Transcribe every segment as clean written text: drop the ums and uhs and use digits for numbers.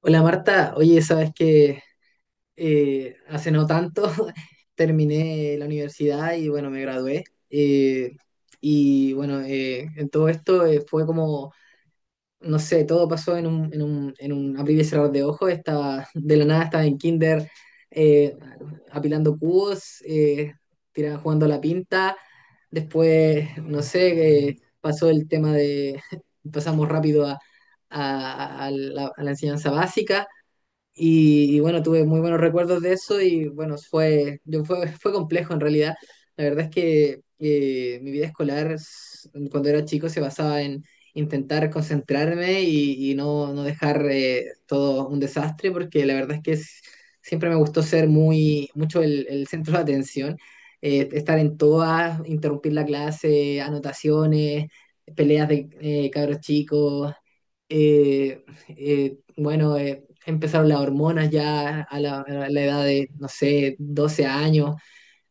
Hola Marta, oye, sabes que hace no tanto terminé la universidad y bueno, me gradué. eh, y bueno, en todo esto fue como, no sé, todo pasó en un abrir y cerrar de ojos. Estaba, de la nada estaba en kinder, eh, apilando cubos, jugando a la pinta. Después, no sé, pasó el tema de, pasamos rápido a la enseñanza básica. Y bueno, tuve muy buenos recuerdos de eso y bueno, fue complejo en realidad. La verdad es que mi vida escolar cuando era chico se basaba en intentar concentrarme y no, no dejar todo un desastre porque la verdad es que siempre me gustó ser mucho el centro de atención, estar en todas, interrumpir la clase, anotaciones, peleas de cabros chicos. Bueno, empezaron las hormonas ya a a la edad de, no sé, 12 años.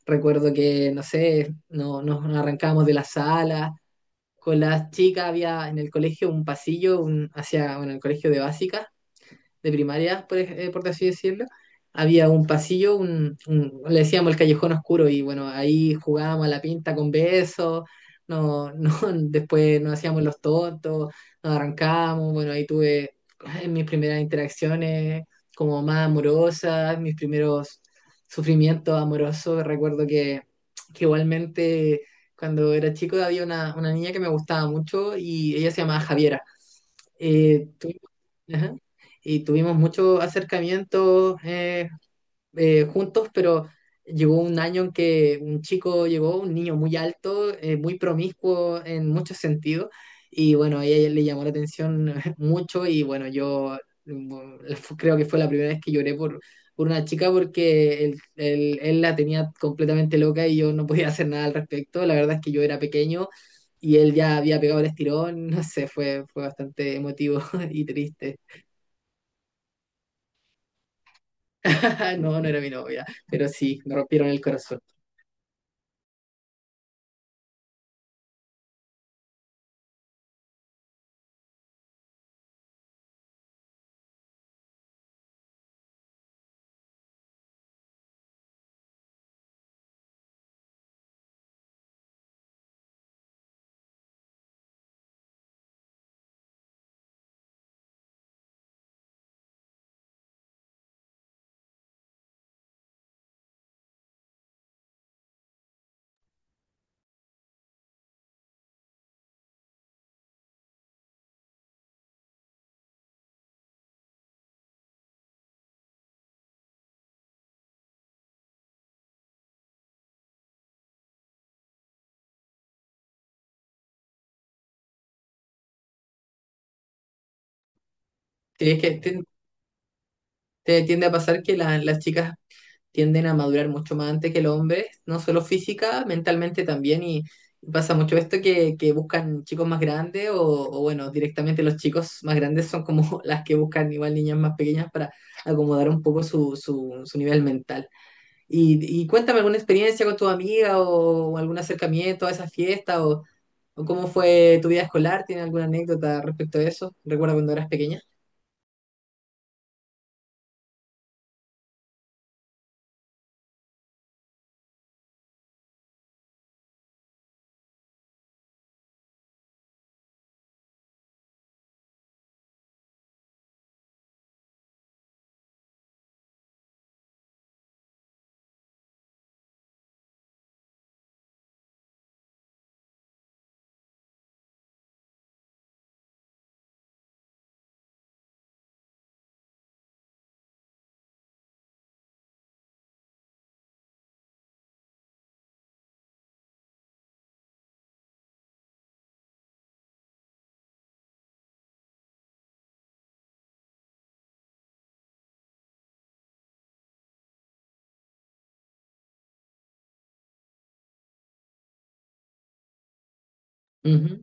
Recuerdo que, no sé, no, nos arrancábamos de la sala. Con las chicas había en el colegio un pasillo un, hacia, bueno, el colegio de básica, de primaria, por, por así decirlo, había un pasillo, le decíamos el callejón oscuro y bueno, ahí jugábamos a la pinta con besos, no, no, después nos hacíamos los tontos, nos arrancábamos. Bueno, ahí tuve mis primeras interacciones como más amorosas, mis primeros sufrimientos amorosos. Recuerdo que igualmente cuando era chico había una niña que me gustaba mucho y ella se llamaba Javiera. Tuvimos… Ajá. Y tuvimos muchos acercamientos, juntos, pero llegó un año en que un chico llegó, un niño muy alto, muy promiscuo en muchos sentidos, y bueno, a ella le llamó la atención mucho. Y bueno, yo, mm, creo que fue la primera vez que lloré por una chica, porque él la tenía completamente loca y yo no podía hacer nada al respecto. La verdad es que yo era pequeño. Y él ya había pegado el estirón, no sé, fue bastante emotivo y triste. Ah, no, no era mi novia, pero sí, me rompieron el corazón. ¿Crees que te tiende a pasar que las chicas tienden a madurar mucho más antes que los hombres? No solo física, mentalmente también, y pasa mucho esto que buscan chicos más grandes, o bueno, directamente los chicos más grandes son como las que buscan igual niñas más pequeñas para acomodar un poco su nivel mental. Y cuéntame alguna experiencia con tu amiga o algún acercamiento a esa fiesta o cómo fue tu vida escolar. ¿Tiene alguna anécdota respecto a eso? Recuerda cuando eras pequeña. Ujú.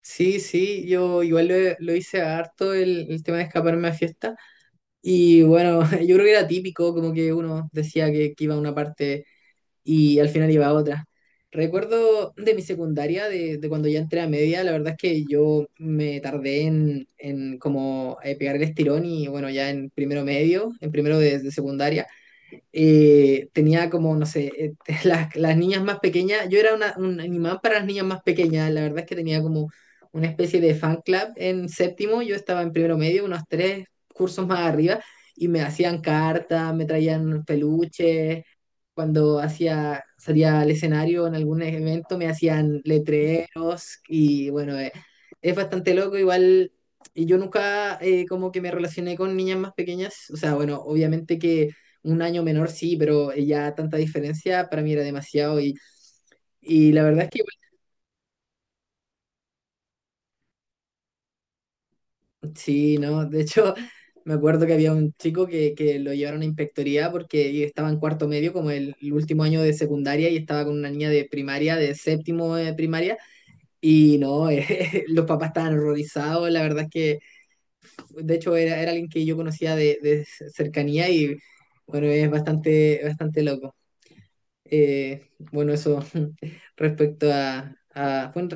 Sí, sí, yo igual lo hice harto el tema de escaparme a fiesta. Y bueno, yo creo que era típico, como que uno decía que iba a una parte y al final iba a otra. Recuerdo de mi secundaria, de cuando ya entré a media. La verdad es que yo me tardé en como pegar el estirón. Y bueno, ya en primero medio, en primero de secundaria, tenía como, no sé, las niñas más pequeñas, yo era un imán para las niñas más pequeñas. La verdad es que tenía como una especie de fan club en séptimo, yo estaba en primero medio, unos tres cursos más arriba, y me hacían cartas, me traían peluches, cuando hacía, salía al escenario en algún evento me hacían letreros. Y bueno, es bastante loco, igual… Y yo nunca como que me relacioné con niñas más pequeñas. O sea, bueno, obviamente que un año menor, sí, pero ya tanta diferencia para mí era demasiado. Y la verdad es que igual, sí, ¿no? De hecho, me acuerdo que había un chico que lo llevaron a inspectoría porque estaba en cuarto medio, como el último año de secundaria, y estaba con una niña de primaria, de séptimo de primaria. Y no, los papás estaban horrorizados. La verdad es que, de hecho, era alguien que yo conocía de cercanía. Y bueno, es bastante, bastante loco. Bueno, eso respecto a bueno…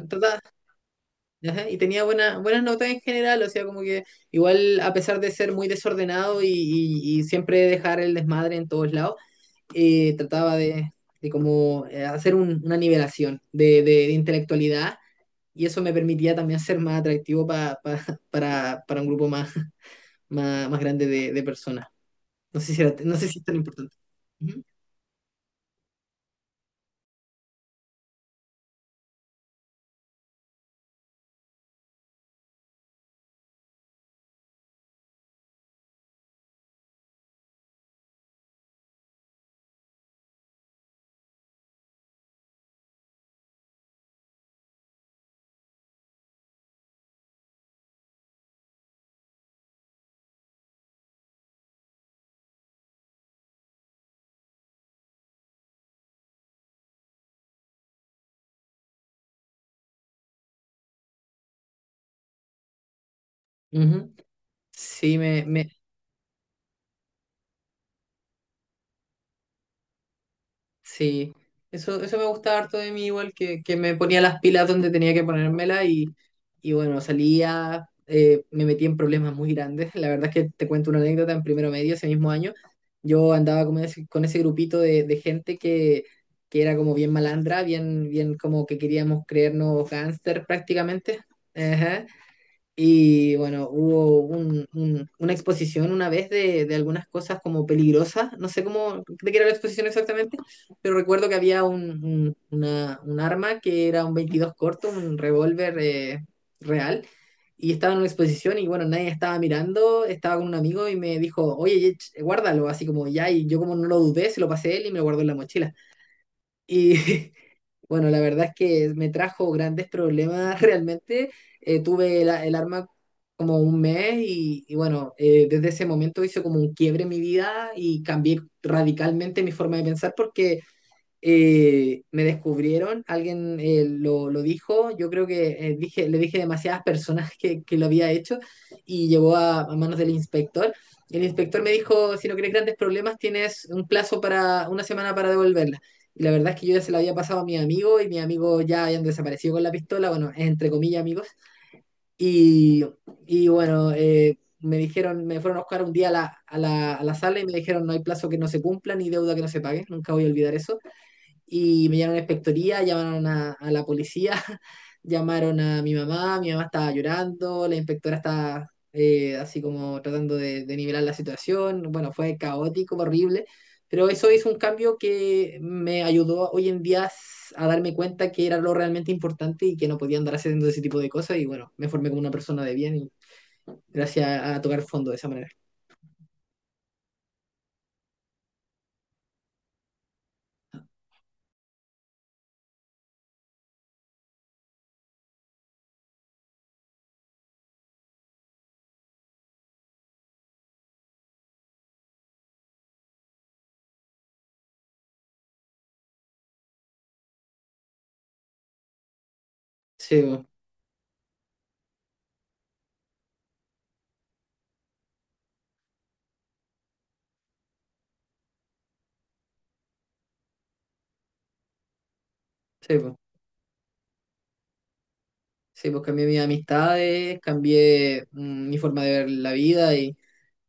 Ajá. Y tenía buenas notas en general, o sea, como que igual a pesar de ser muy desordenado y siempre dejar el desmadre en todos lados, trataba de como hacer una nivelación de, de intelectualidad, y eso me permitía también ser más atractivo para un grupo más, más, más grande de personas. No sé si no sé si es tan importante. Ujú, ujú. Sí, me, me- Sí, eso me gustaba harto de mí, igual que me ponía las pilas donde tenía que ponérmela. Y, y bueno, salía. Me metí en problemas muy grandes. La verdad es que te cuento una anécdota: en primero medio, ese mismo año, yo andaba con ese grupito de gente que era como bien malandra, bien, bien, como que queríamos creernos gángster prácticamente. Ajá. Y bueno, hubo una exposición una vez de algunas cosas como peligrosas. No sé cómo, de qué era la exposición exactamente, pero recuerdo que había un arma que era un 22 corto, un revólver, real, y estaba en una exposición. Y bueno, nadie estaba mirando, estaba con un amigo y me dijo: oye, guárdalo, así como ya. Y yo, como no lo dudé, se lo pasé a él y me lo guardó en la mochila. Y bueno, la verdad es que me trajo grandes problemas realmente. Tuve el arma como un mes. Y bueno, desde ese momento hizo como un quiebre en mi vida y cambié radicalmente mi forma de pensar, porque me descubrieron, alguien lo dijo. Yo creo que le dije a demasiadas personas que lo había hecho, y llegó a manos del inspector. El inspector me dijo: si no quieres grandes problemas, tienes un plazo para una semana para devolverla. Y la verdad es que yo ya se la había pasado a mi amigo, y mi amigo ya habían desaparecido con la pistola, bueno, entre comillas amigos. Y, y bueno, me dijeron, me fueron a buscar un día a a la sala y me dijeron: no hay plazo que no se cumpla ni deuda que no se pague. Nunca voy a olvidar eso. Y me llamaron a la inspectoría, llamaron a la policía, llamaron a mi mamá estaba llorando, la inspectora estaba así como tratando de nivelar la situación. Bueno, fue caótico, horrible, pero eso es un cambio que me ayudó hoy en día a darme cuenta que era lo realmente importante y que no podía andar haciendo ese tipo de cosas. Y bueno, me formé como una persona de bien, y gracias a tocar fondo de esa manera. Sí, bo, sí, bo. Sí, pues cambié mis amistades, cambié, mi forma de ver la vida. Y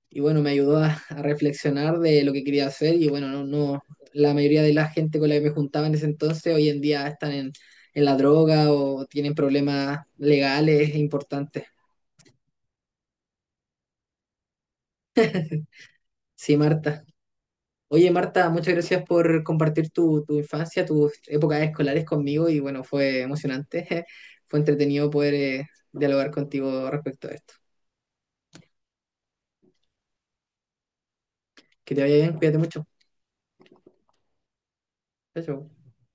y bueno, me ayudó a reflexionar de lo que quería hacer. Y bueno, no, no, la mayoría de la gente con la que me juntaba en ese entonces hoy en día están en la droga o tienen problemas legales importantes. Sí, Marta. Oye, Marta, muchas gracias por compartir tu, tu infancia, tus épocas escolares conmigo. Y bueno, fue emocionante, fue entretenido poder dialogar contigo respecto a esto. Que te vaya bien, cuídate mucho. Chao, chao.